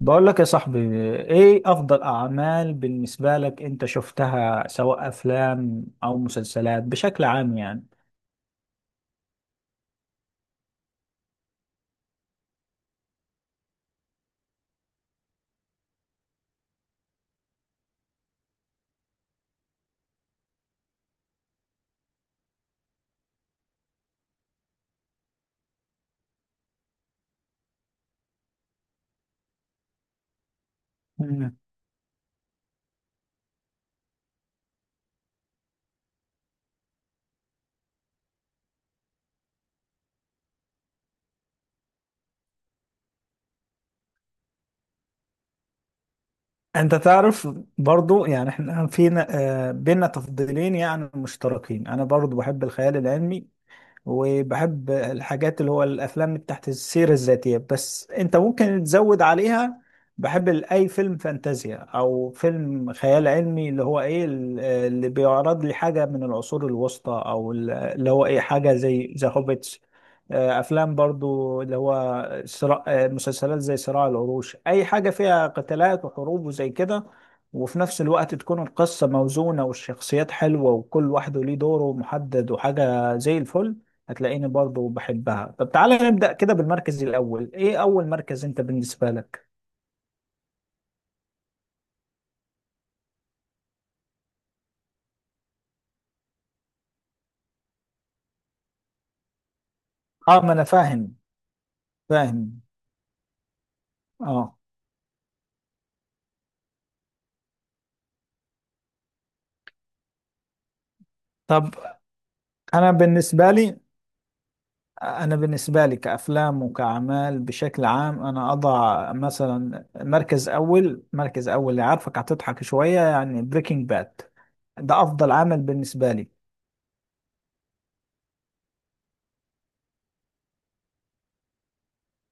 بقول لك يا صاحبي، ايه افضل اعمال بالنسبة لك انت شفتها، سواء افلام او مسلسلات بشكل عام يعني؟ مم. انت تعرف، برضو يعني احنا فينا آه، بينا تفضيلين يعني مشتركين. انا برضو بحب الخيال العلمي وبحب الحاجات اللي هو الافلام تحت السيرة الذاتية، بس انت ممكن تزود عليها. بحب اي فيلم فانتازيا او فيلم خيال علمي، اللي هو ايه، اللي بيعرض لي حاجة من العصور الوسطى، او اللي هو ايه، حاجة زي ذا هوبيتس. افلام برضو اللي هو صراع آه، مسلسلات زي صراع العروش، اي حاجة فيها قتالات وحروب وزي كده، وفي نفس الوقت تكون القصة موزونة والشخصيات حلوة وكل واحد ليه دوره محدد وحاجة زي الفل. هتلاقيني برضه بحبها. طب تعالى نبدأ كده بالمركز الأول. إيه أول مركز أنت بالنسبة لك؟ آه، ما أنا فاهم، فاهم آه. طب أنا بالنسبة لي، أنا بالنسبة لي كأفلام وكأعمال بشكل عام، أنا أضع مثلا مركز أول، مركز أول اللي عارفك هتضحك شوية، يعني بريكنج باد. ده أفضل عمل بالنسبة لي.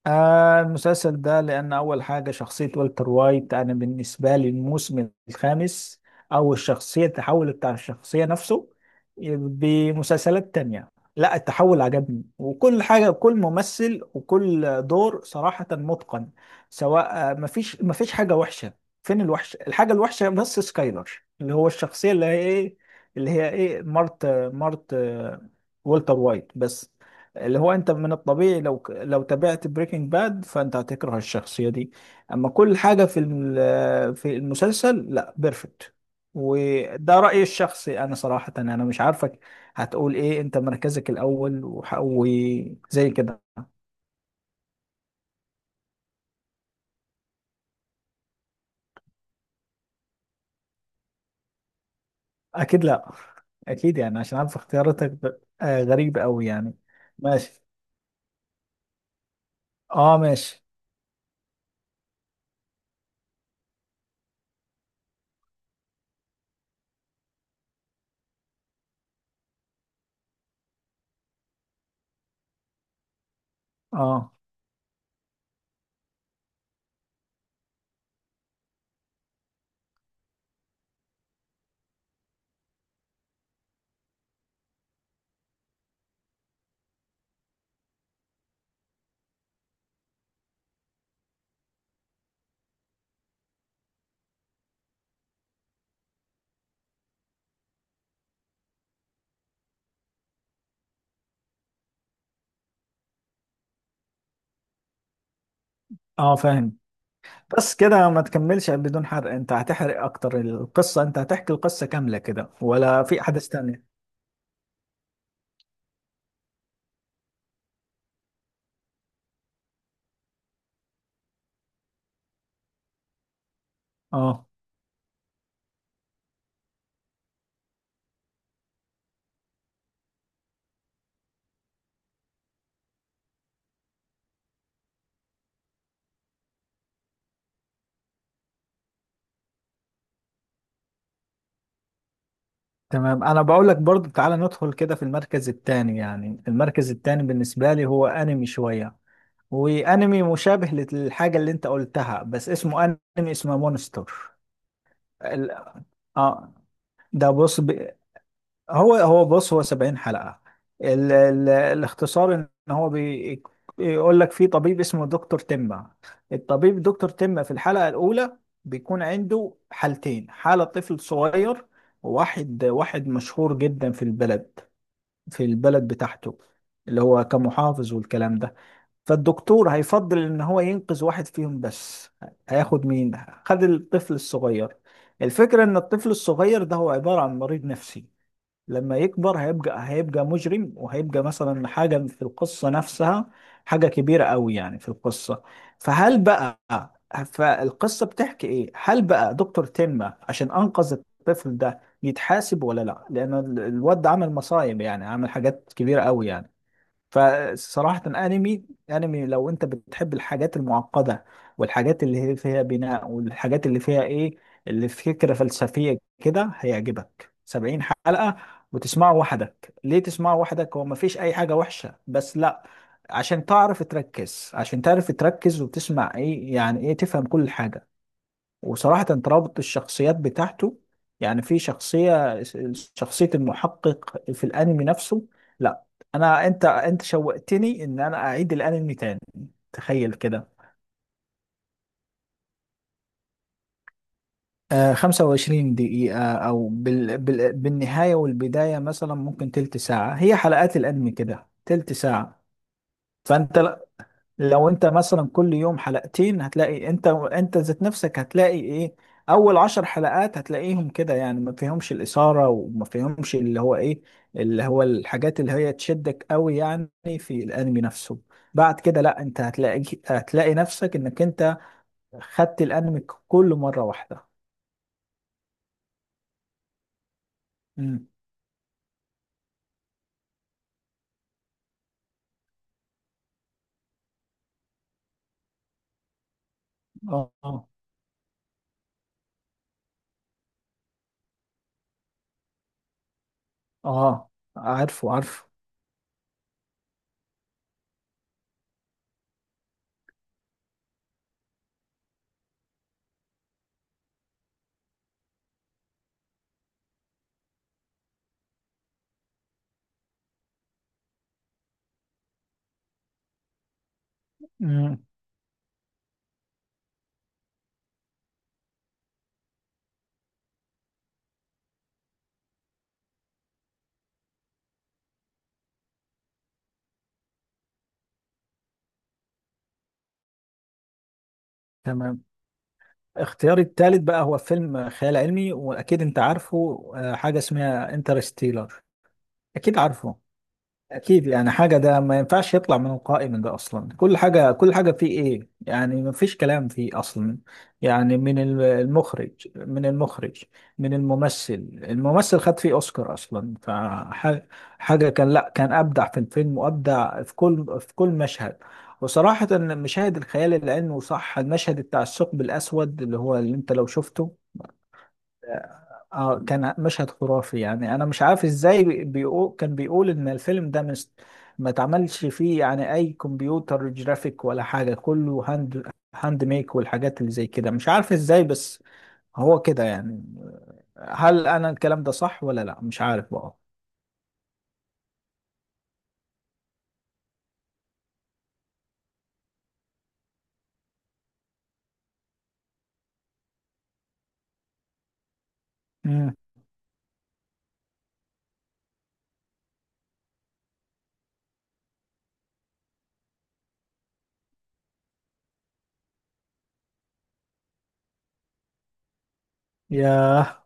آه، المسلسل ده، لأن أول حاجة شخصية والتر وايت. أنا بالنسبة لي الموسم الخامس، أو الشخصية، التحول بتاع الشخصية نفسه بمسلسلات تانية، لا التحول عجبني. وكل حاجة، كل ممثل وكل دور صراحة متقن. سواء مفيش، حاجة وحشة. فين الوحش، الحاجة الوحشة بس سكايلر، اللي هو الشخصية اللي هي إيه، اللي هي إيه، مرت، مرت آه، والتر وايت بس. اللي هو انت من الطبيعي، لو تابعت بريكنج باد، فانت هتكره الشخصية دي. اما كل حاجة في في المسلسل، لا، بيرفكت. وده رأيي الشخصي انا صراحة. انا مش عارفك هتقول ايه، انت مركزك الاول وزي كده. اكيد لا، اكيد يعني، عشان عارف اختياراتك غريبة قوي يعني. ماشي. اه ماشي. اه، اه فاهم. بس كده، ما تكملش بدون حرق. انت هتحرق اكتر القصة، انت هتحكي القصة كاملة كده، ولا في احداث تانية؟ اه. تمام، انا بقول لك برضو، تعالى ندخل كده في المركز التاني. يعني المركز التاني بالنسبة لي هو انمي شوية، وانمي مشابه للحاجة اللي انت قلتها، بس اسمه، انمي اسمه مونستر. ال... اه ده بص ب... هو بص، هو 70 حلقة. ال الاختصار ان هو بيقول لك في طبيب اسمه دكتور تمة. الطبيب دكتور تمة في الحلقة الأولى بيكون عنده حالتين: حالة طفل صغير، واحد مشهور جدا في البلد، في البلد بتاعته، اللي هو كمحافظ والكلام ده. فالدكتور هيفضل ان هو ينقذ واحد فيهم بس. هياخد مين؟ خد الطفل الصغير. الفكرة ان الطفل الصغير ده هو عبارة عن مريض نفسي، لما يكبر هيبقى مجرم، وهيبقى مثلا حاجة في القصة نفسها، حاجة كبيرة قوي يعني في القصة. فهل بقى، فالقصة بتحكي ايه، هل بقى دكتور تنما عشان انقذ الطفل ده يتحاسب ولا لا، لان الواد ده عمل مصايب، يعني عمل حاجات كبيرة قوي يعني. فصراحة انمي لو انت بتحب الحاجات المعقدة، والحاجات اللي هي فيها بناء، والحاجات اللي فيها ايه، اللي فكرة فلسفية كده، هيعجبك. 70 حلقة، وتسمعه وحدك. ليه تسمعه وحدك؟ هو مفيش اي حاجة وحشة، بس لا، عشان تعرف تركز، عشان تعرف تركز وتسمع ايه يعني ايه، تفهم كل حاجة. وصراحة ترابط الشخصيات بتاعته، يعني في شخصية المحقق في الأنمي نفسه، لا. أنا، أنت شوقتني إن أنا أعيد الأنمي تاني، تخيل كده. آه، 25 دقيقة، أو بالنهاية والبداية مثلا ممكن تلت ساعة. هي حلقات الأنمي كده تلت ساعة. فأنت لو انت مثلا كل يوم حلقتين، هتلاقي انت ذات نفسك، هتلاقي ايه، اول 10 حلقات هتلاقيهم كده يعني ما فيهمش الاثاره، وما فيهمش اللي هو ايه، اللي هو الحاجات اللي هي تشدك قوي يعني في الانمي نفسه. بعد كده لا، انت هتلاقي نفسك انك انت خدت الانمي كله مره واحده. امم. اه، اه، اه. عارفه، عارفه. امم. تمام. اختياري الثالث بقى هو فيلم خيال علمي، واكيد انت عارفه، آه، حاجه اسمها انترستيلر. اكيد عارفه، اكيد يعني حاجه ده ما ينفعش يطلع من القائمه ده اصلا. كل حاجه، كل حاجه فيه ايه، يعني ما فيش كلام فيه اصلا. يعني من المخرج، من الممثل، خد فيه اوسكار اصلا. فحاجه كان، لا، كان ابدع في الفيلم وابدع في كل، مشهد. وصراحه مشاهد الخيال العلمي، وصح المشهد بتاع الثقب الاسود، اللي هو اللي انت لو شفته، اه كان مشهد خرافي يعني. انا مش عارف ازاي، بيقول، كان بيقول ان الفيلم ده مش، ما اتعملش فيه يعني اي كمبيوتر جرافيك ولا حاجه، كله هاند ميك والحاجات اللي زي كده، مش عارف ازاي، بس هو كده يعني. هل انا الكلام ده صح ولا لا، مش عارف بقى. امم. ياه،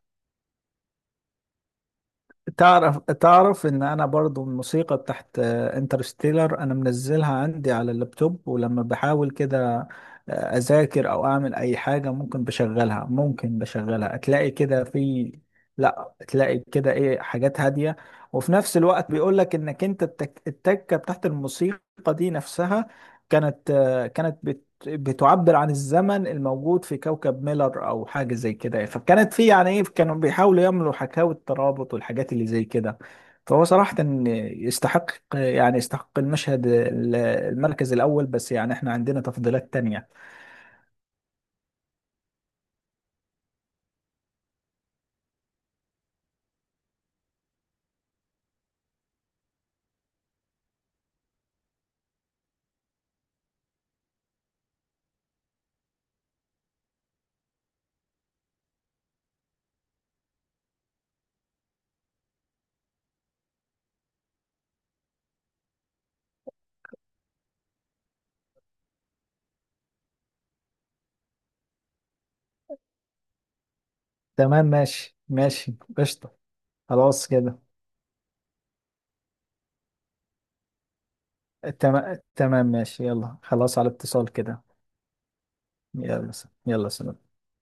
تعرف، ان انا برضو الموسيقى بتاعت انترستيلر انا منزلها عندي على اللابتوب، ولما بحاول كده، آه، اذاكر او اعمل اي حاجة، ممكن بشغلها، تلاقي كده في، لا، تلاقي كده ايه، حاجات هادية. وفي نفس الوقت بيقول لك انك انت التكة بتاعت الموسيقى دي نفسها، كانت آه، كانت بتعبر عن الزمن الموجود في كوكب ميلر او حاجه زي كده. فكانت في يعني ايه، كانوا بيحاولوا يعملوا حكاوي الترابط والحاجات اللي زي كده. فهو صراحه إن يستحق، يعني يستحق المشهد، المركز الاول، بس يعني احنا عندنا تفضيلات تانية. تمام، ماشي، ماشي، قشطه. خلاص كده. تمام، تمام، ماشي، يلا خلاص، على اتصال كده. يلا، يلا سلام.